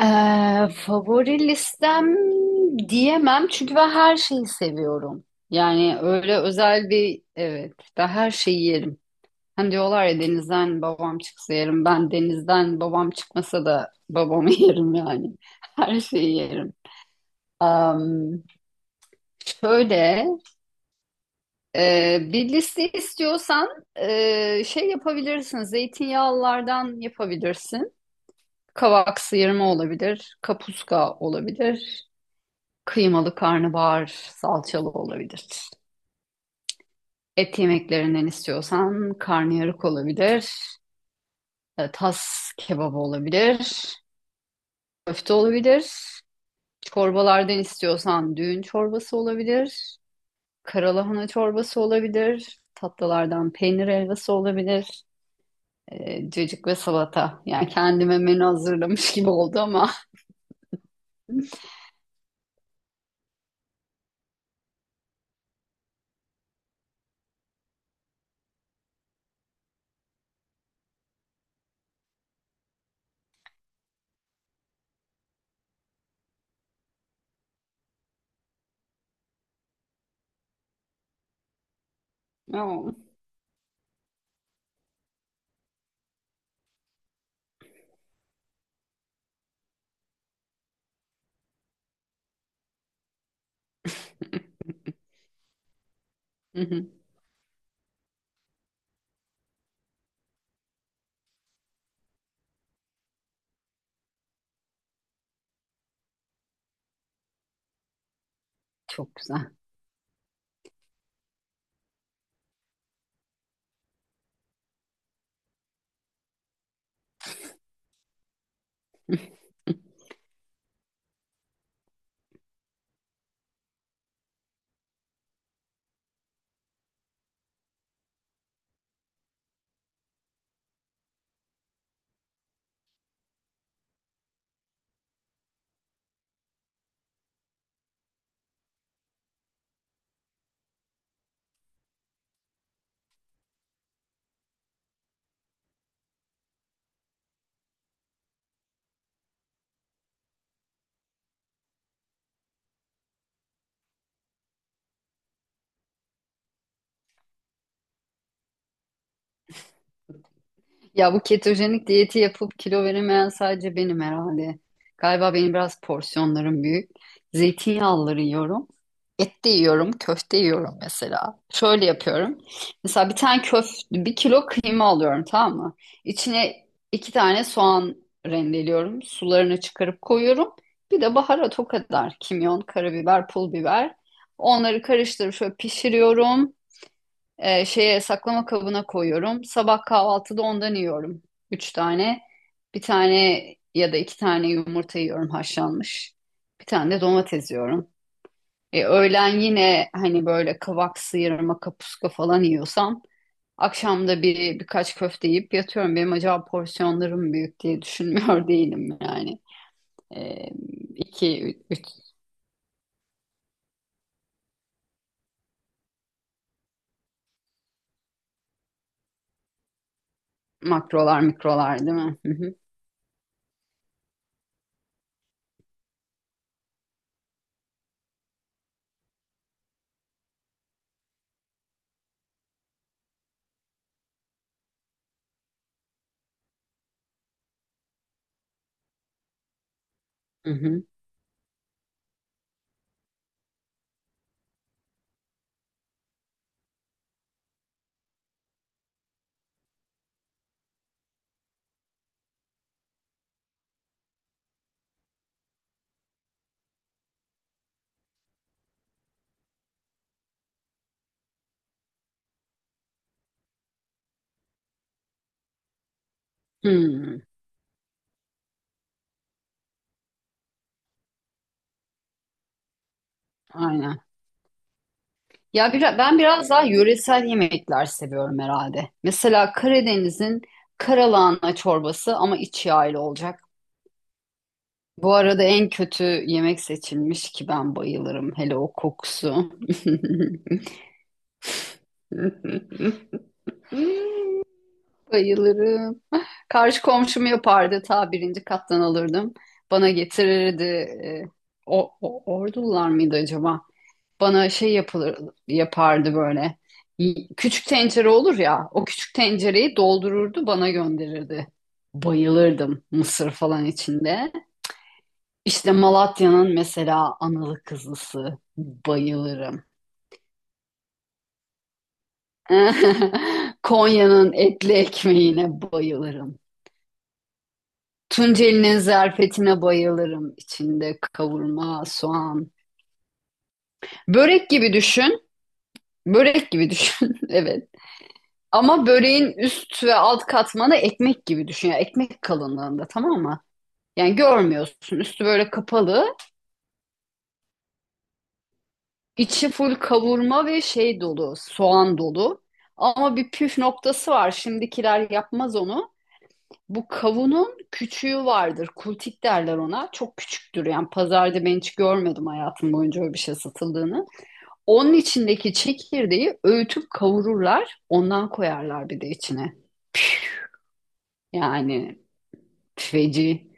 Ee, favori listem diyemem çünkü ben her şeyi seviyorum. Yani öyle özel bir evet ben her şeyi yerim. Hani diyorlar ya denizden babam çıksa yerim. Ben denizden babam çıkmasa da babamı yerim yani. Her şeyi yerim. Am, şöyle bir liste istiyorsan şey yapabilirsin. Zeytinyağlılardan yapabilirsin. Kavak sıyırma olabilir. Kapuska olabilir. Kıymalı karnabahar salçalı olabilir. Et yemeklerinden istiyorsan karnıyarık olabilir. Tas kebabı olabilir. Köfte olabilir. Çorbalardan istiyorsan düğün çorbası olabilir. Karalahana çorbası olabilir. Tatlılardan peynir helvası olabilir. Cacık ve salata. Yani kendime menü hazırlamış gibi oldu ama. Hı hı. Çok güzel. Ya bu ketojenik diyeti yapıp kilo veremeyen sadece benim herhalde. Galiba benim biraz porsiyonlarım büyük. Zeytinyağlıları yiyorum. Et de yiyorum, köfte yiyorum mesela. Şöyle yapıyorum. Mesela bir tane köfte, bir kilo kıyma alıyorum, tamam mı? İçine iki tane soğan rendeliyorum. Sularını çıkarıp koyuyorum. Bir de baharat, o kadar. Kimyon, karabiber, pul biber. Onları karıştırıp şöyle pişiriyorum. Şeye, saklama kabına koyuyorum. Sabah kahvaltıda ondan yiyorum. Üç tane. Bir tane ya da iki tane yumurta yiyorum, haşlanmış. Bir tane de domates yiyorum. Öğlen yine hani böyle kavak sıyırma, kapuska falan yiyorsam akşamda birkaç köfte yiyip yatıyorum. Benim acaba porsiyonlarım büyük diye düşünmüyor değilim yani. E, iki, üç makrolar, mikrolar değil mi? Hı hı. Hı hı. Hmm, aynen. Ya ben biraz daha yöresel yemekler seviyorum herhalde. Mesela Karadeniz'in karalahana çorbası, ama iç yağlı olacak. Bu arada en kötü yemek seçilmiş ki ben bayılırım. Hele o kokusu. Bayılırım. Karşı komşum yapardı. Ta birinci kattan alırdım. Bana getirirdi. E, ordular mıydı acaba? Bana şey yapılır yapardı böyle. Küçük tencere olur ya, o küçük tencereyi doldururdu, bana gönderirdi. Bayılırdım, mısır falan içinde. İşte Malatya'nın mesela analı kızlısı, bayılırım. Konya'nın etli ekmeğine bayılırım. Tunceli'nin zerfetine bayılırım. İçinde kavurma, soğan. Börek gibi düşün. Börek gibi düşün. Evet. Ama böreğin üst ve alt katmanı ekmek gibi düşün. Yani ekmek kalınlığında, tamam mı? Yani görmüyorsun. Üstü böyle kapalı. İçi full kavurma ve şey dolu. Soğan dolu. Ama bir püf noktası var. Şimdikiler yapmaz onu. Bu kavunun küçüğü vardır. Kultik derler ona. Çok küçüktür. Yani pazarda ben hiç görmedim hayatım boyunca öyle bir şey satıldığını. Onun içindeki çekirdeği öğütüp kavururlar. Ondan koyarlar bir de içine. Yani feci.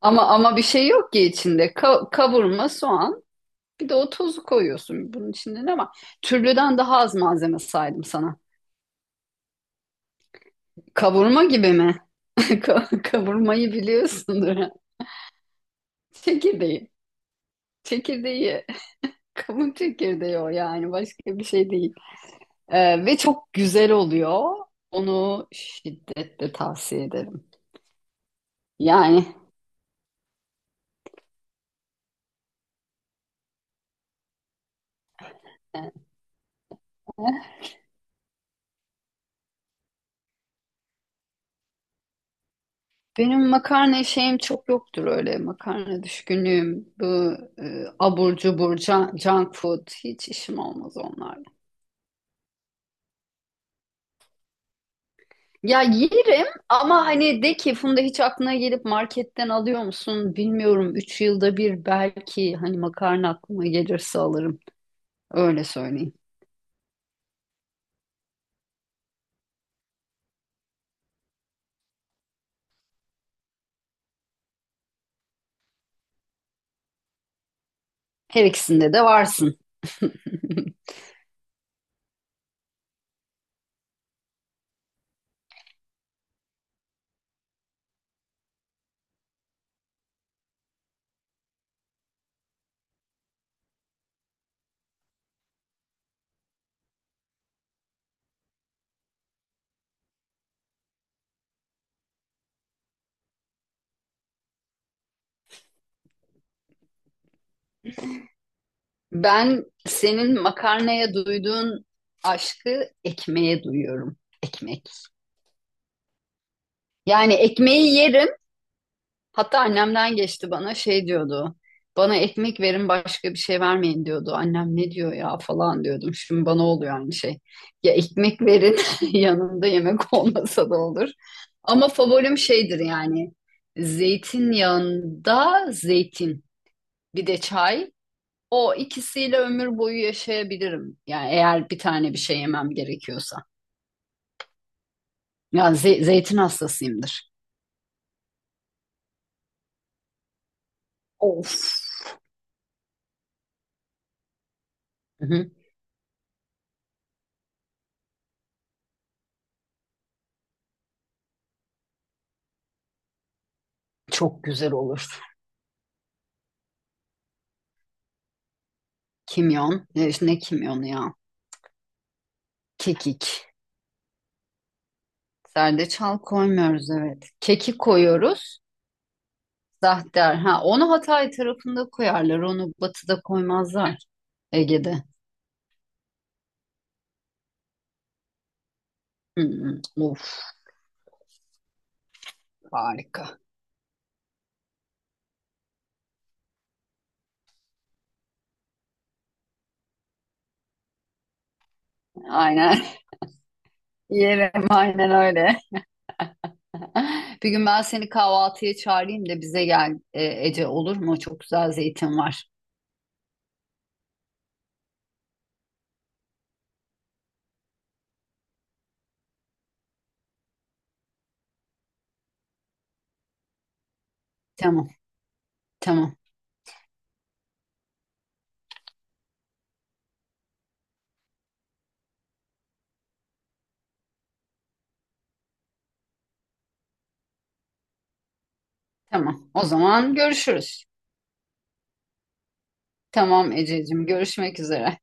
Ama bir şey yok ki içinde. Kavurma, soğan, bir de o tozu koyuyorsun bunun içinde, ama türlüden daha az malzeme saydım sana. Kavurma gibi mi? Kavurmayı biliyorsundur. Ha. Çekirdeği. Çekirdeği. Kavun çekirdeği o, yani başka bir şey değil. Ve çok güzel oluyor. Onu şiddetle tavsiye ederim. Yani e, benim makarna şeyim çok yoktur, öyle makarna düşkünlüğüm. Bu abur cubur, junk food, hiç işim olmaz onlarla. Ya yerim, ama hani de ki Funda, hiç aklına gelip marketten alıyor musun bilmiyorum. Üç yılda bir belki, hani makarna aklıma gelirse alırım. Öyle söyleyeyim. Her ikisinde de varsın. Ben senin makarnaya duyduğun aşkı ekmeğe duyuyorum. Ekmek. Yani ekmeği yerim. Hatta annemden geçti bana, şey diyordu. Bana ekmek verin, başka bir şey vermeyin diyordu. Annem ne diyor ya falan diyordum. Şimdi bana oluyor aynı şey. Ya ekmek verin, yanında yemek olmasa da olur. Ama favorim şeydir yani. Zeytinyağında zeytin, bir de çay. O ikisiyle ömür boyu yaşayabilirim. Yani eğer bir tane bir şey yemem gerekiyorsa. Ya zeytin hastasıyımdır. Of. Hı hı. Çok güzel olur. Kimyon. Ne, işte ne kimyonu ya? Kekik. Zerdeçal koymuyoruz, evet. Kekik koyuyoruz. Zahter. Ha, onu Hatay tarafında koyarlar. Onu batıda koymazlar. Ege'de. Hı hı. Of, harika. Aynen. Yerim aynen öyle. Bir gün ben seni kahvaltıya çağırayım da bize gel, e, Ece, olur mu? Çok güzel zeytin var. Tamam tamam tamam. O zaman görüşürüz. Tamam Ececiğim, görüşmek üzere.